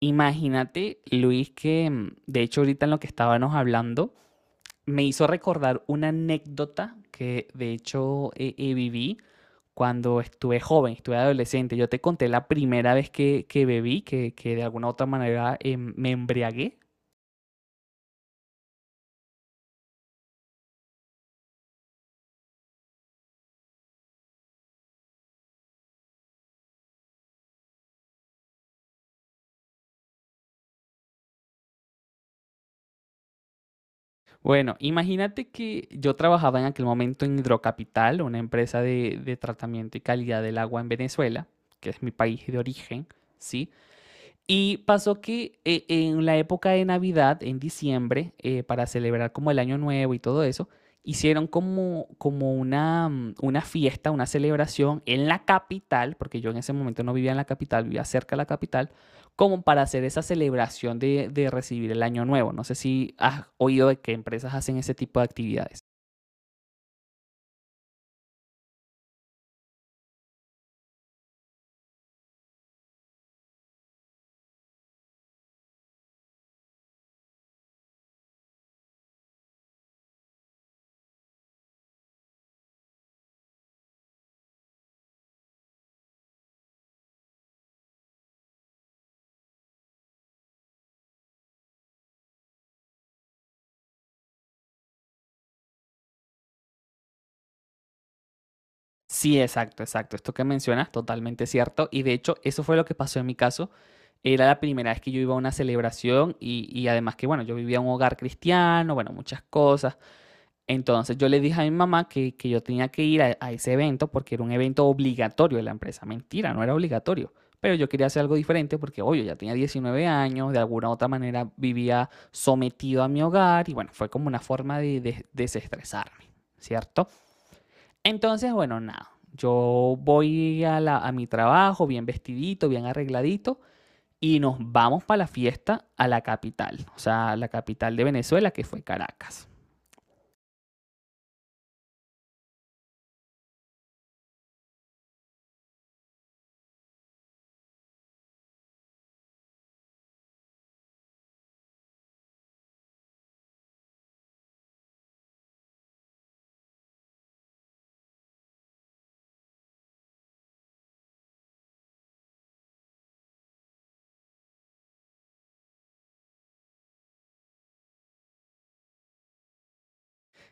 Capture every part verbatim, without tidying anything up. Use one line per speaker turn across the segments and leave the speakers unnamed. Imagínate, Luis, que mm, de hecho ahorita en lo que estábamos hablando, me hizo recordar una anécdota que de hecho eh, eh, viví cuando estuve joven, estuve adolescente. Yo te conté la primera vez que, que bebí, que, que de alguna u otra manera em, me embriagué. Bueno, imagínate que yo trabajaba en aquel momento en Hidrocapital, una empresa de, de tratamiento y calidad del agua en Venezuela, que es mi país de origen, ¿sí? Y pasó que eh, en la época de Navidad, en diciembre, eh, para celebrar como el Año Nuevo y todo eso, hicieron como, como una, mm, una fiesta, una celebración en la capital, porque yo en ese momento no vivía en la capital, vivía cerca de la capital, como para hacer esa celebración de, de recibir el Año Nuevo. No sé si has oído de que empresas hacen ese tipo de actividades. Sí, exacto, exacto. Esto que mencionas, totalmente cierto. Y de hecho, eso fue lo que pasó en mi caso. Era la primera vez que yo iba a una celebración y, y además que, bueno, yo vivía en un hogar cristiano, bueno, muchas cosas. Entonces yo le dije a mi mamá que, que yo tenía que ir a, a ese evento porque era un evento obligatorio de la empresa. Mentira, no era obligatorio, pero yo quería hacer algo diferente porque, obvio, ya tenía diecinueve años, de alguna u otra manera vivía sometido a mi hogar y bueno, fue como una forma de, de desestresarme, ¿cierto? Entonces, bueno, nada, yo voy a, la, a mi trabajo bien vestidito, bien arregladito y nos vamos para la fiesta a la capital, o sea, a la capital de Venezuela, que fue Caracas.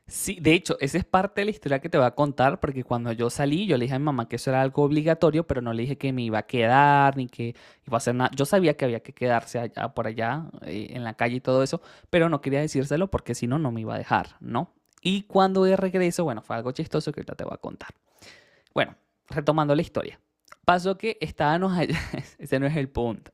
Sí, de hecho, esa es parte de la historia que te voy a contar, porque cuando yo salí, yo le dije a mi mamá que eso era algo obligatorio, pero no le dije que me iba a quedar, ni que iba a hacer nada. Yo sabía que había que quedarse allá, por allá, eh, en la calle y todo eso, pero no quería decírselo porque si no, no me iba a dejar, ¿no? Y cuando de regreso, bueno, fue algo chistoso que ahorita te voy a contar. Bueno, retomando la historia. Pasó que estábamos allá, ese no es el punto.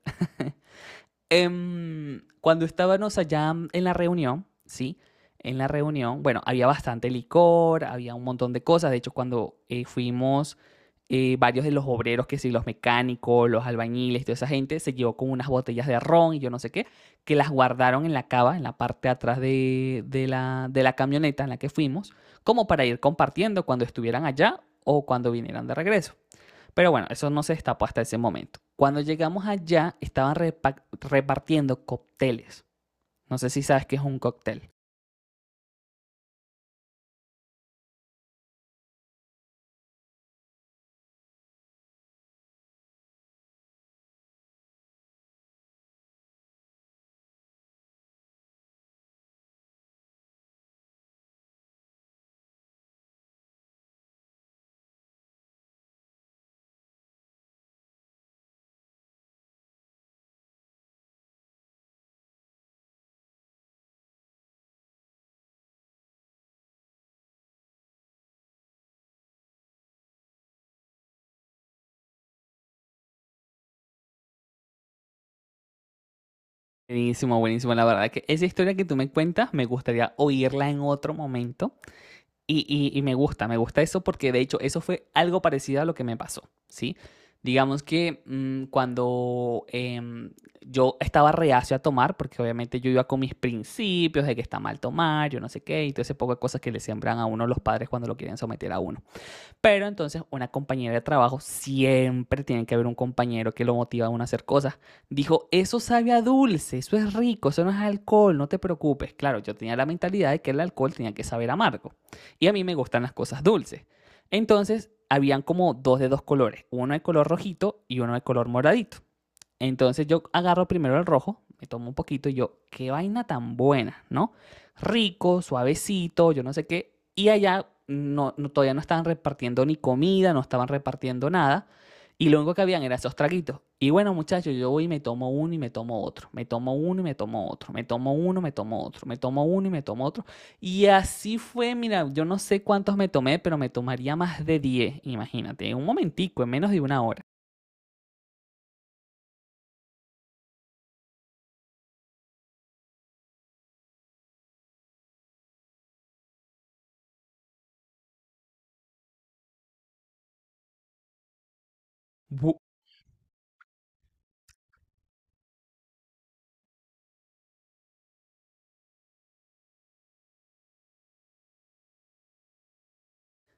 Em, cuando estábamos allá en la reunión, ¿sí? En la reunión, bueno, había bastante licor, había un montón de cosas. De hecho, cuando eh, fuimos, eh, varios de los obreros, que sí, los mecánicos, los albañiles, toda esa gente, se llevó con unas botellas de ron y yo no sé qué, que las guardaron en la cava, en la parte de atrás de, de la, de la camioneta en la que fuimos, como para ir compartiendo cuando estuvieran allá o cuando vinieran de regreso. Pero bueno, eso no se destapó hasta ese momento. Cuando llegamos allá, estaban repa- repartiendo cócteles. No sé si sabes qué es un cóctel. Buenísimo, buenísimo. La verdad que esa historia que tú me cuentas, me gustaría oírla en otro momento. Y, y- y me gusta, me gusta eso porque de hecho eso fue algo parecido a lo que me pasó, ¿sí? Digamos que mm, cuando em, yo estaba reacio a tomar, porque obviamente yo iba con mis principios de que está mal tomar, yo no sé qué, y todo ese poco de cosas que le siembran a uno los padres cuando lo quieren someter a uno. Pero entonces una compañera de trabajo, siempre tiene que haber un compañero que lo motiva a uno a hacer cosas. Dijo, eso sabe a dulce, eso es rico, eso no es alcohol, no te preocupes. Claro, yo tenía la mentalidad de que el alcohol tenía que saber amargo. Y a mí me gustan las cosas dulces. Entonces, habían como dos de dos colores, uno de color rojito y uno de color moradito. Entonces yo agarro primero el rojo, me tomo un poquito y yo, qué vaina tan buena, ¿no? Rico, suavecito, yo no sé qué. Y allá no, no- todavía no estaban repartiendo ni comida, no estaban repartiendo nada. Y lo único que habían eran esos traguitos. Y bueno, muchachos, yo voy y me tomo uno y me tomo otro. Me tomo uno y me tomo otro. Me tomo uno, me tomo otro. Me tomo uno y me tomo otro. Y así fue, mira, yo no sé cuántos me tomé, pero me tomaría más de diez. Imagínate, en un momentico, en menos de una hora.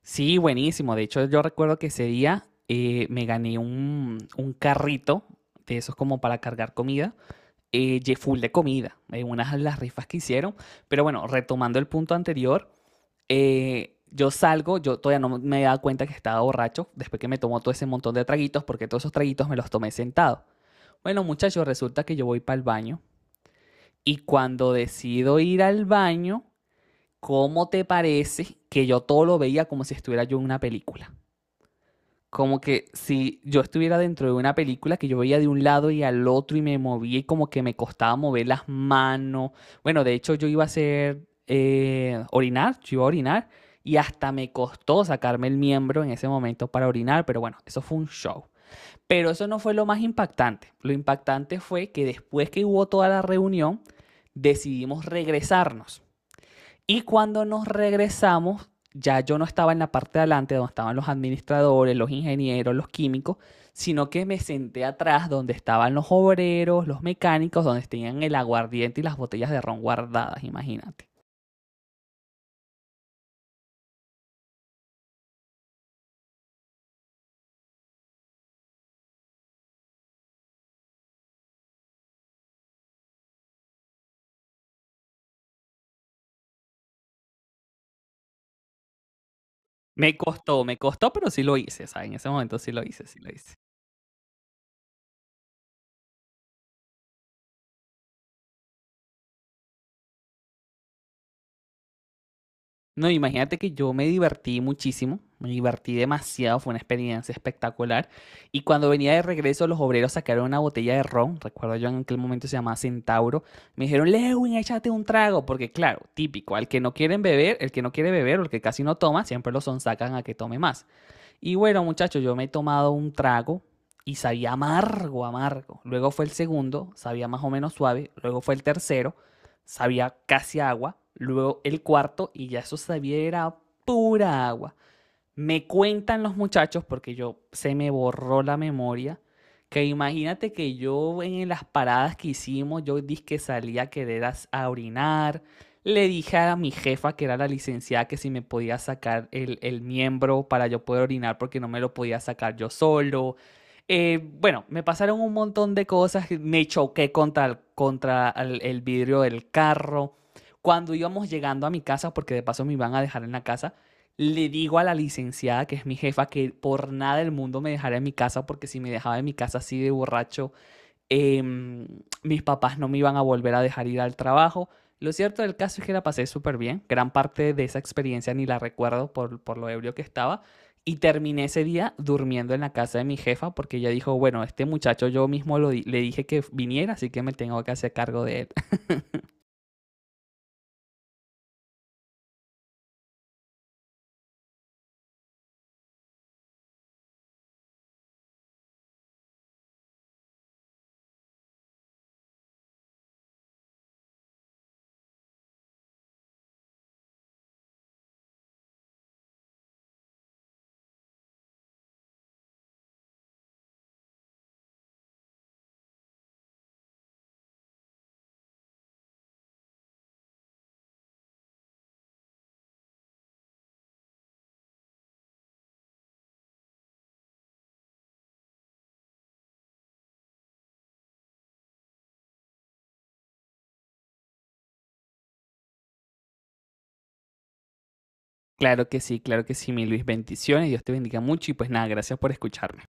Sí, buenísimo. De hecho, yo recuerdo que ese día eh, me gané un, un carrito de esos como para cargar comida, eh, ye- full de comida, en unas de las rifas que hicieron. Pero bueno, retomando el punto anterior, eh, yo salgo, yo todavía no me he dado cuenta que estaba borracho después que me tomó todo ese montón de traguitos, porque todos esos traguitos me los tomé sentado. Bueno, muchachos, resulta que yo voy para el baño y cuando decido ir al baño, ¿cómo te parece que yo todo lo veía como si estuviera yo en una película? Como que si yo estuviera dentro de una película que yo veía de un lado y al otro y me movía y como que me costaba mover las manos. Bueno, de hecho yo iba a hacer eh, orinar, yo iba a orinar y hasta me costó sacarme el miembro en ese momento para orinar, pero bueno, eso fue un show. Pero eso no fue lo más impactante. Lo impactante fue que después que hubo toda la reunión, decidimos regresarnos. Y cuando nos regresamos, ya yo no estaba en la parte de adelante donde estaban los administradores, los ingenieros, los químicos, sino que me senté atrás donde estaban los obreros, los mecánicos, donde tenían el aguardiente y las botellas de ron guardadas, imagínate. Me costó, me costó, pero sí lo hice, ¿sabes? En ese momento sí lo hice, sí lo hice. No, imagínate que yo me divertí muchísimo, me divertí demasiado, fue una experiencia espectacular. Y cuando venía de regreso, los obreros sacaron una botella de ron, recuerdo yo en aquel momento se llamaba Centauro, me dijeron, Lewin, échate un trago, porque claro, típico, al que no quieren beber, el que no quiere beber o el que casi no toma, siempre lo sonsacan a que tome más. Y bueno, muchachos, yo me he tomado un trago y sabía amargo, amargo. Luego fue el segundo, sabía más o menos suave. Luego fue el tercero, sabía casi agua. Luego el cuarto y ya eso sabía era pura agua. Me cuentan los muchachos, porque yo se me borró la memoria, que imagínate que yo en las paradas que hicimos, yo dije que salía a querer as- a orinar, le dije a mi jefa, que era la licenciada, que si me podía sacar el, el miembro para yo poder orinar porque no me lo podía sacar yo solo. Eh, bueno, me pasaron un montón de cosas, me choqué contra, el- contra el- el vidrio del carro. Cuando íbamos llegando a mi casa, porque de paso me iban a dejar en la casa, le digo a la licenciada, que es mi jefa, que por nada del mundo me dejara en mi casa, porque si me dejaba en mi casa así de borracho, eh, mis papás no me iban a volver a dejar ir al trabajo. Lo cierto del caso es que la pasé súper bien. Gran parte de esa experiencia ni la recuerdo por, por lo ebrio que estaba. Y terminé ese día durmiendo en la casa de mi jefa porque ella dijo, bueno, este muchacho yo mismo lo di- le dije que viniera, así que me tengo que hacer cargo de él. Claro que sí, claro que sí, mi Luis. Bendiciones, Dios te bendiga mucho y pues nada, gracias por escucharme.